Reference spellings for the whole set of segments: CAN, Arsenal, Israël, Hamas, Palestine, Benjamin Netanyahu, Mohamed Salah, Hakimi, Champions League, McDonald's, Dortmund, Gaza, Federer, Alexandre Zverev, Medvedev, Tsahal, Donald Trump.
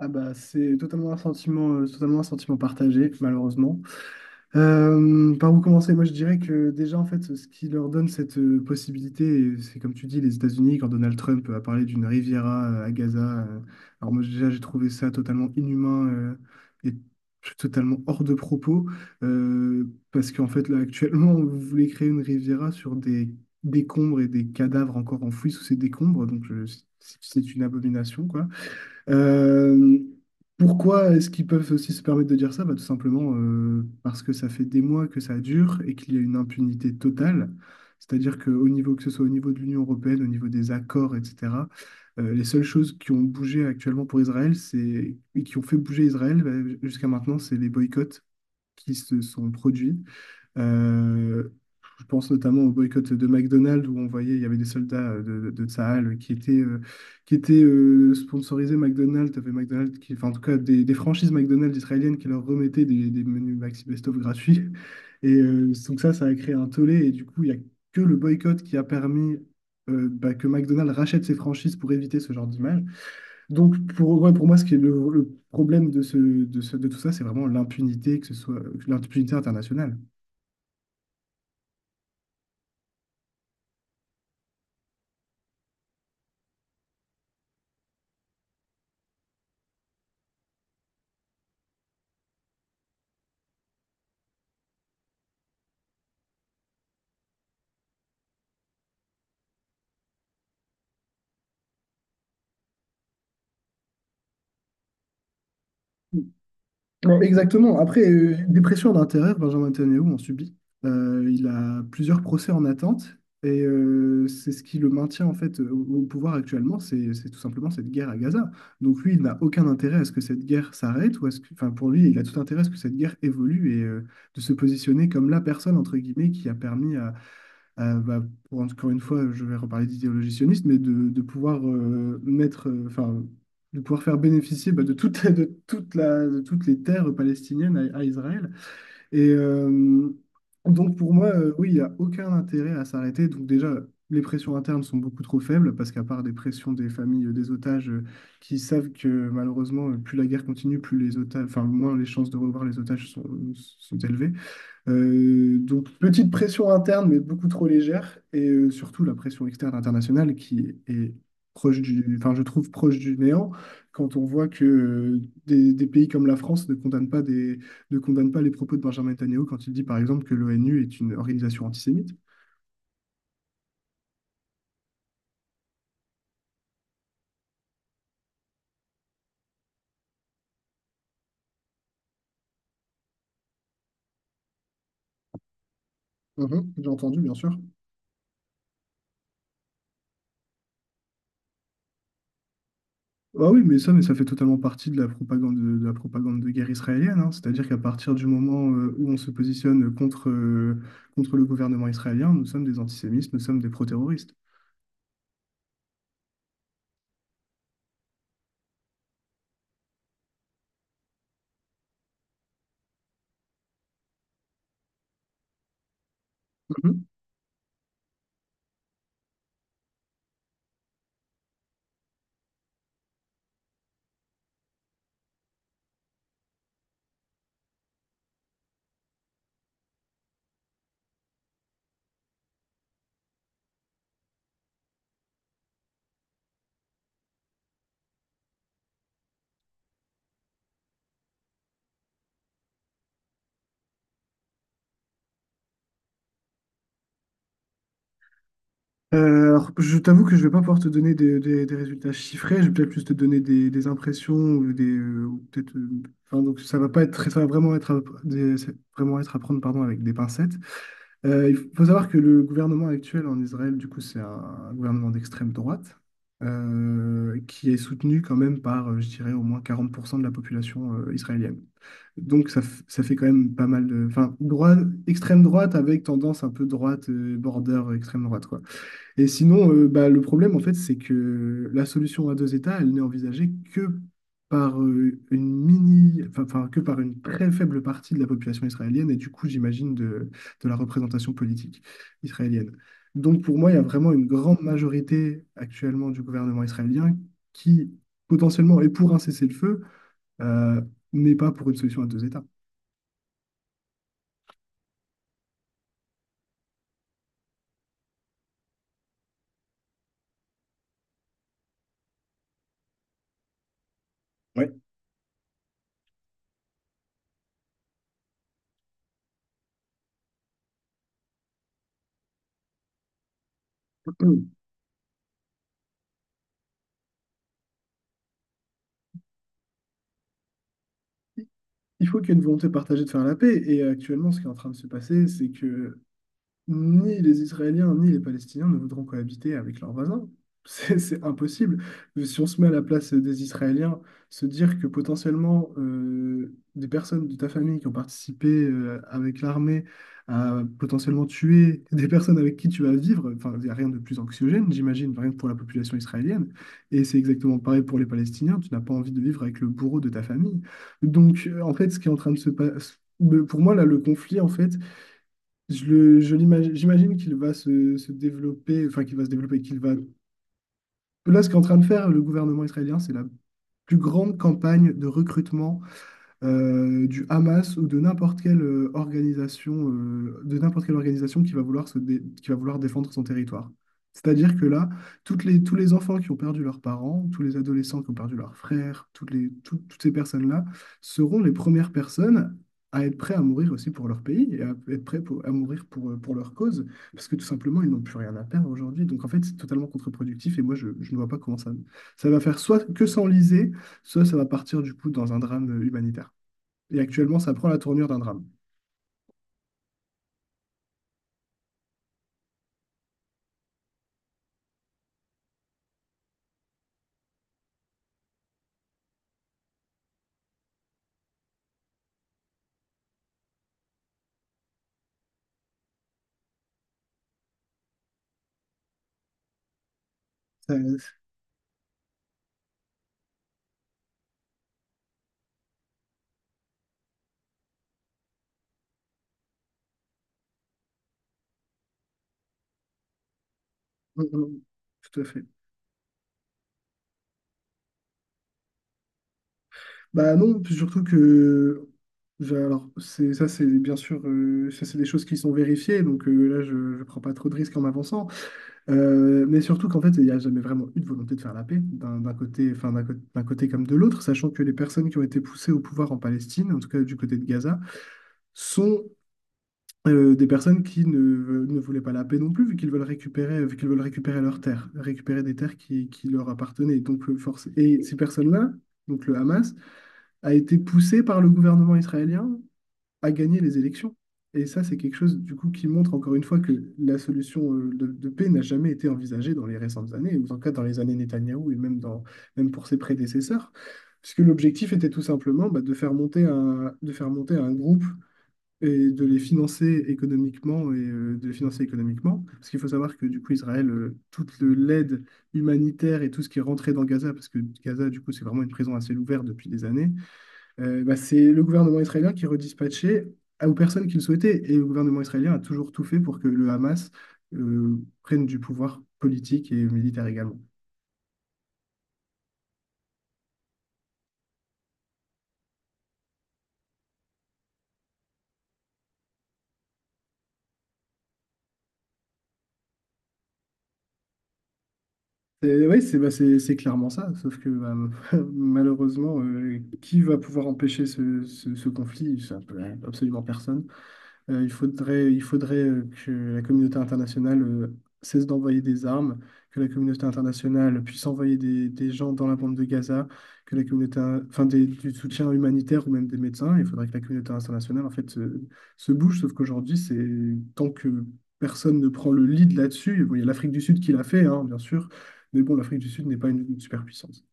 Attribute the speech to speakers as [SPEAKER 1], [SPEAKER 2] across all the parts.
[SPEAKER 1] Ah bah, c'est totalement un sentiment partagé, malheureusement. Par où commencer? Moi, je dirais que déjà, en fait, ce qui leur donne cette possibilité, et c'est comme tu dis, les États-Unis, quand Donald Trump a parlé d'une Riviera à Gaza. euh, alors moi, déjà, j'ai trouvé ça totalement inhumain et totalement hors de propos, parce qu'en fait, là, actuellement, vous voulez créer une Riviera sur des décombres et des cadavres encore enfouis sous ces décombres, donc c'est une abomination, euh, pourquoi est-ce qu'ils peuvent aussi se permettre de dire ça? Bah, tout simplement parce que ça fait des mois que ça dure et qu'il y a une impunité totale. C'est-à-dire que, au niveau, que ce soit au niveau de l'Union européenne, au niveau des accords, etc., les seules choses qui ont bougé actuellement pour Israël, c'est, et qui ont fait bouger Israël bah, jusqu'à maintenant, c'est les boycotts qui se sont produits. Euh, je pense notamment au boycott de McDonald's où on voyait il y avait des soldats de Tsahal qui étaient sponsorisés McDonald's, t'avais McDonald's qui, enfin, en tout cas des franchises McDonald's israéliennes qui leur remettaient des menus Maxi Best-of gratuits. Et donc ça a créé un tollé et du coup, il n'y a que le boycott qui a permis que McDonald's rachète ses franchises pour éviter ce genre d'image. Donc, pour, ouais, pour moi, ce qui est le problème de tout ça, c'est vraiment l'impunité, que ce soit l'impunité internationale. Ouais, exactement. Après, des pressions à Benjamin Netanyahu en subit. Il a plusieurs procès en attente et c'est ce qui le maintient en fait au pouvoir actuellement, c'est tout simplement cette guerre à Gaza. Donc lui, il n'a aucun intérêt à ce que cette guerre s'arrête ou à ce que, enfin pour lui, il a tout intérêt à ce que cette guerre évolue et de se positionner comme la personne entre guillemets qui a permis euh, bah, pour encore une fois, je vais reparler d'idéologie sioniste, mais de pouvoir mettre, enfin, de pouvoir faire bénéficier bah, de toute, de toute la, de toutes les terres palestiniennes à Israël. Et donc pour moi, oui, il n'y a aucun intérêt à s'arrêter. Donc déjà, les pressions internes sont beaucoup trop faibles parce qu'à part des pressions des familles des otages qui savent que malheureusement, plus la guerre continue, plus les otages, enfin, moins les chances de revoir les otages sont élevées. Donc, petite pression interne, mais beaucoup trop légère. Et surtout, la pression externe internationale qui est proche du, enfin, je trouve proche du néant quand on voit que des pays comme la France ne condamnent pas ne condamnent pas les propos de Benjamin Netanyahu quand il dit, par exemple, que l'ONU est une organisation antisémite. Mhm, j'ai entendu, bien sûr. Ah oui, mais ça fait totalement partie de la propagande de, la propagande de guerre israélienne, hein. C'est-à-dire qu'à partir du moment où on se positionne contre, contre le gouvernement israélien, nous sommes des antisémites, nous sommes des pro-terroristes. Alors, je t'avoue que je vais pas pouvoir te donner des résultats chiffrés. Je vais peut-être plus te donner des impressions ou des, ou peut-être, enfin, donc, ça va pas être, ça va vraiment être, c'est vraiment être à prendre, pardon, avec des pincettes. Il faut savoir que le gouvernement actuel en Israël, du coup, c'est un gouvernement d'extrême droite qui est soutenu quand même par, je dirais, au moins 40% de la population israélienne. Donc, ça, ça fait quand même pas mal de. Enfin, droite, extrême droite avec tendance un peu droite, border extrême droite, quoi. Et sinon, bah, le problème, en fait, c'est que la solution à deux États, elle n'est envisagée que par une mini, enfin, que par une très faible partie de la population israélienne et du coup, j'imagine, de la représentation politique israélienne. Donc, pour moi, il y a vraiment une grande majorité actuellement du gouvernement israélien qui, potentiellement, est pour un cessez-le-feu, euh, mais pas pour une solution à deux États. Ouais. Il faut qu'il y ait une volonté partagée de faire la paix. Et actuellement, ce qui est en train de se passer, c'est que ni les Israéliens ni les Palestiniens ne voudront cohabiter avec leurs voisins. C'est impossible. Si on se met à la place des Israéliens, se dire que potentiellement des personnes de ta famille qui ont participé avec l'armée à potentiellement tuer des personnes avec qui tu vas vivre, enfin, il n'y a rien de plus anxiogène, j'imagine, rien que pour la population israélienne. Et c'est exactement pareil pour les Palestiniens. Tu n'as pas envie de vivre avec le bourreau de ta famille. Donc, en fait, ce qui est en train de se passer, pour moi, là, le conflit, en fait, je l'imagine, j'imagine qu'il va se développer, enfin qu'il va se développer, qu'il va. Là, ce qu'est en train de faire le gouvernement israélien, c'est la plus grande campagne de recrutement du Hamas ou de n'importe quelle organisation, de n'importe quelle organisation qui va vouloir qui va vouloir défendre son territoire. C'est-à-dire que là, toutes les, tous les enfants qui ont perdu leurs parents, tous les adolescents qui ont perdu leurs frères, toutes les, toutes ces personnes-là seront les premières personnes à être prêts à mourir aussi pour leur pays et à être prêts à mourir pour leur cause, parce que tout simplement, ils n'ont plus rien à perdre aujourd'hui. Donc en fait, c'est totalement contre-productif et moi, je ne vois pas comment ça, ça va faire soit que s'enliser, soit ça va partir du coup dans un drame humanitaire. Et actuellement, ça prend la tournure d'un drame. Ça- non, non, tout à fait. Bah non, puis surtout que, alors, c'est, ça, c'est bien sûr, ça, c'est des choses qui sont vérifiées, donc là, je ne prends pas trop de risques en m'avançant. Mais surtout qu'en fait, il n'y a jamais vraiment eu de volonté de faire la paix, d'un côté, enfin, d'un côté comme de l'autre, sachant que les personnes qui ont été poussées au pouvoir en Palestine, en tout cas du côté de Gaza, sont des personnes qui ne, ne voulaient pas la paix non plus, vu qu'ils veulent récupérer, vu qu'ils veulent récupérer leurs terres, récupérer des terres qui leur appartenaient. Donc, force... Et ces personnes-là, donc le Hamas, a été poussé par le gouvernement israélien à gagner les élections. Et ça, c'est quelque chose, du coup, qui montre encore une fois que la solution de paix n'a jamais été envisagée dans les récentes années, ou en tout cas dans les années Netanyahou et même, dans, même pour ses prédécesseurs, puisque l'objectif était tout simplement bah, de faire monter un, de faire monter un groupe et de les financer économiquement et de les financer économiquement. Parce qu'il faut savoir que du coup, Israël, toute l'aide humanitaire et tout ce qui est rentré dans Gaza, parce que Gaza, du coup, c'est vraiment une prison à ciel ouvert depuis des années, bah, c'est le gouvernement israélien qui redispatchait aux personnes qui le souhaitaient. Et le gouvernement israélien a toujours tout fait pour que le Hamas euh, prenne du pouvoir politique et militaire également. Oui, c'est bah, c'est clairement ça, sauf que bah, malheureusement, qui va pouvoir empêcher ce, ce conflit? Ça peut- absolument personne. Il faudrait que la communauté internationale cesse d'envoyer des armes, que la communauté internationale puisse envoyer des gens dans la bande de Gaza, que la communauté, enfin du soutien humanitaire ou même des médecins. Il faudrait que la communauté internationale en fait se bouge. Sauf qu'aujourd'hui, c'est tant que personne ne prend le lead là-dessus. Bon, il y a l'Afrique du Sud qui l'a fait, hein, bien sûr. Mais bon, l'Afrique du Sud n'est pas une superpuissance.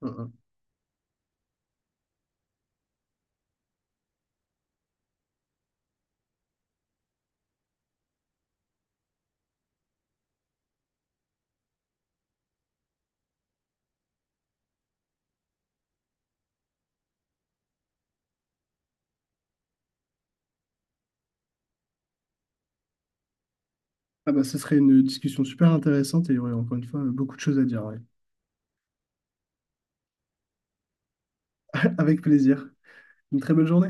[SPEAKER 1] Ah, ah. Ah bah, ce serait une discussion super intéressante et il y aurait encore une fois beaucoup de choses à dire, ouais. Avec plaisir. Une très belle journée.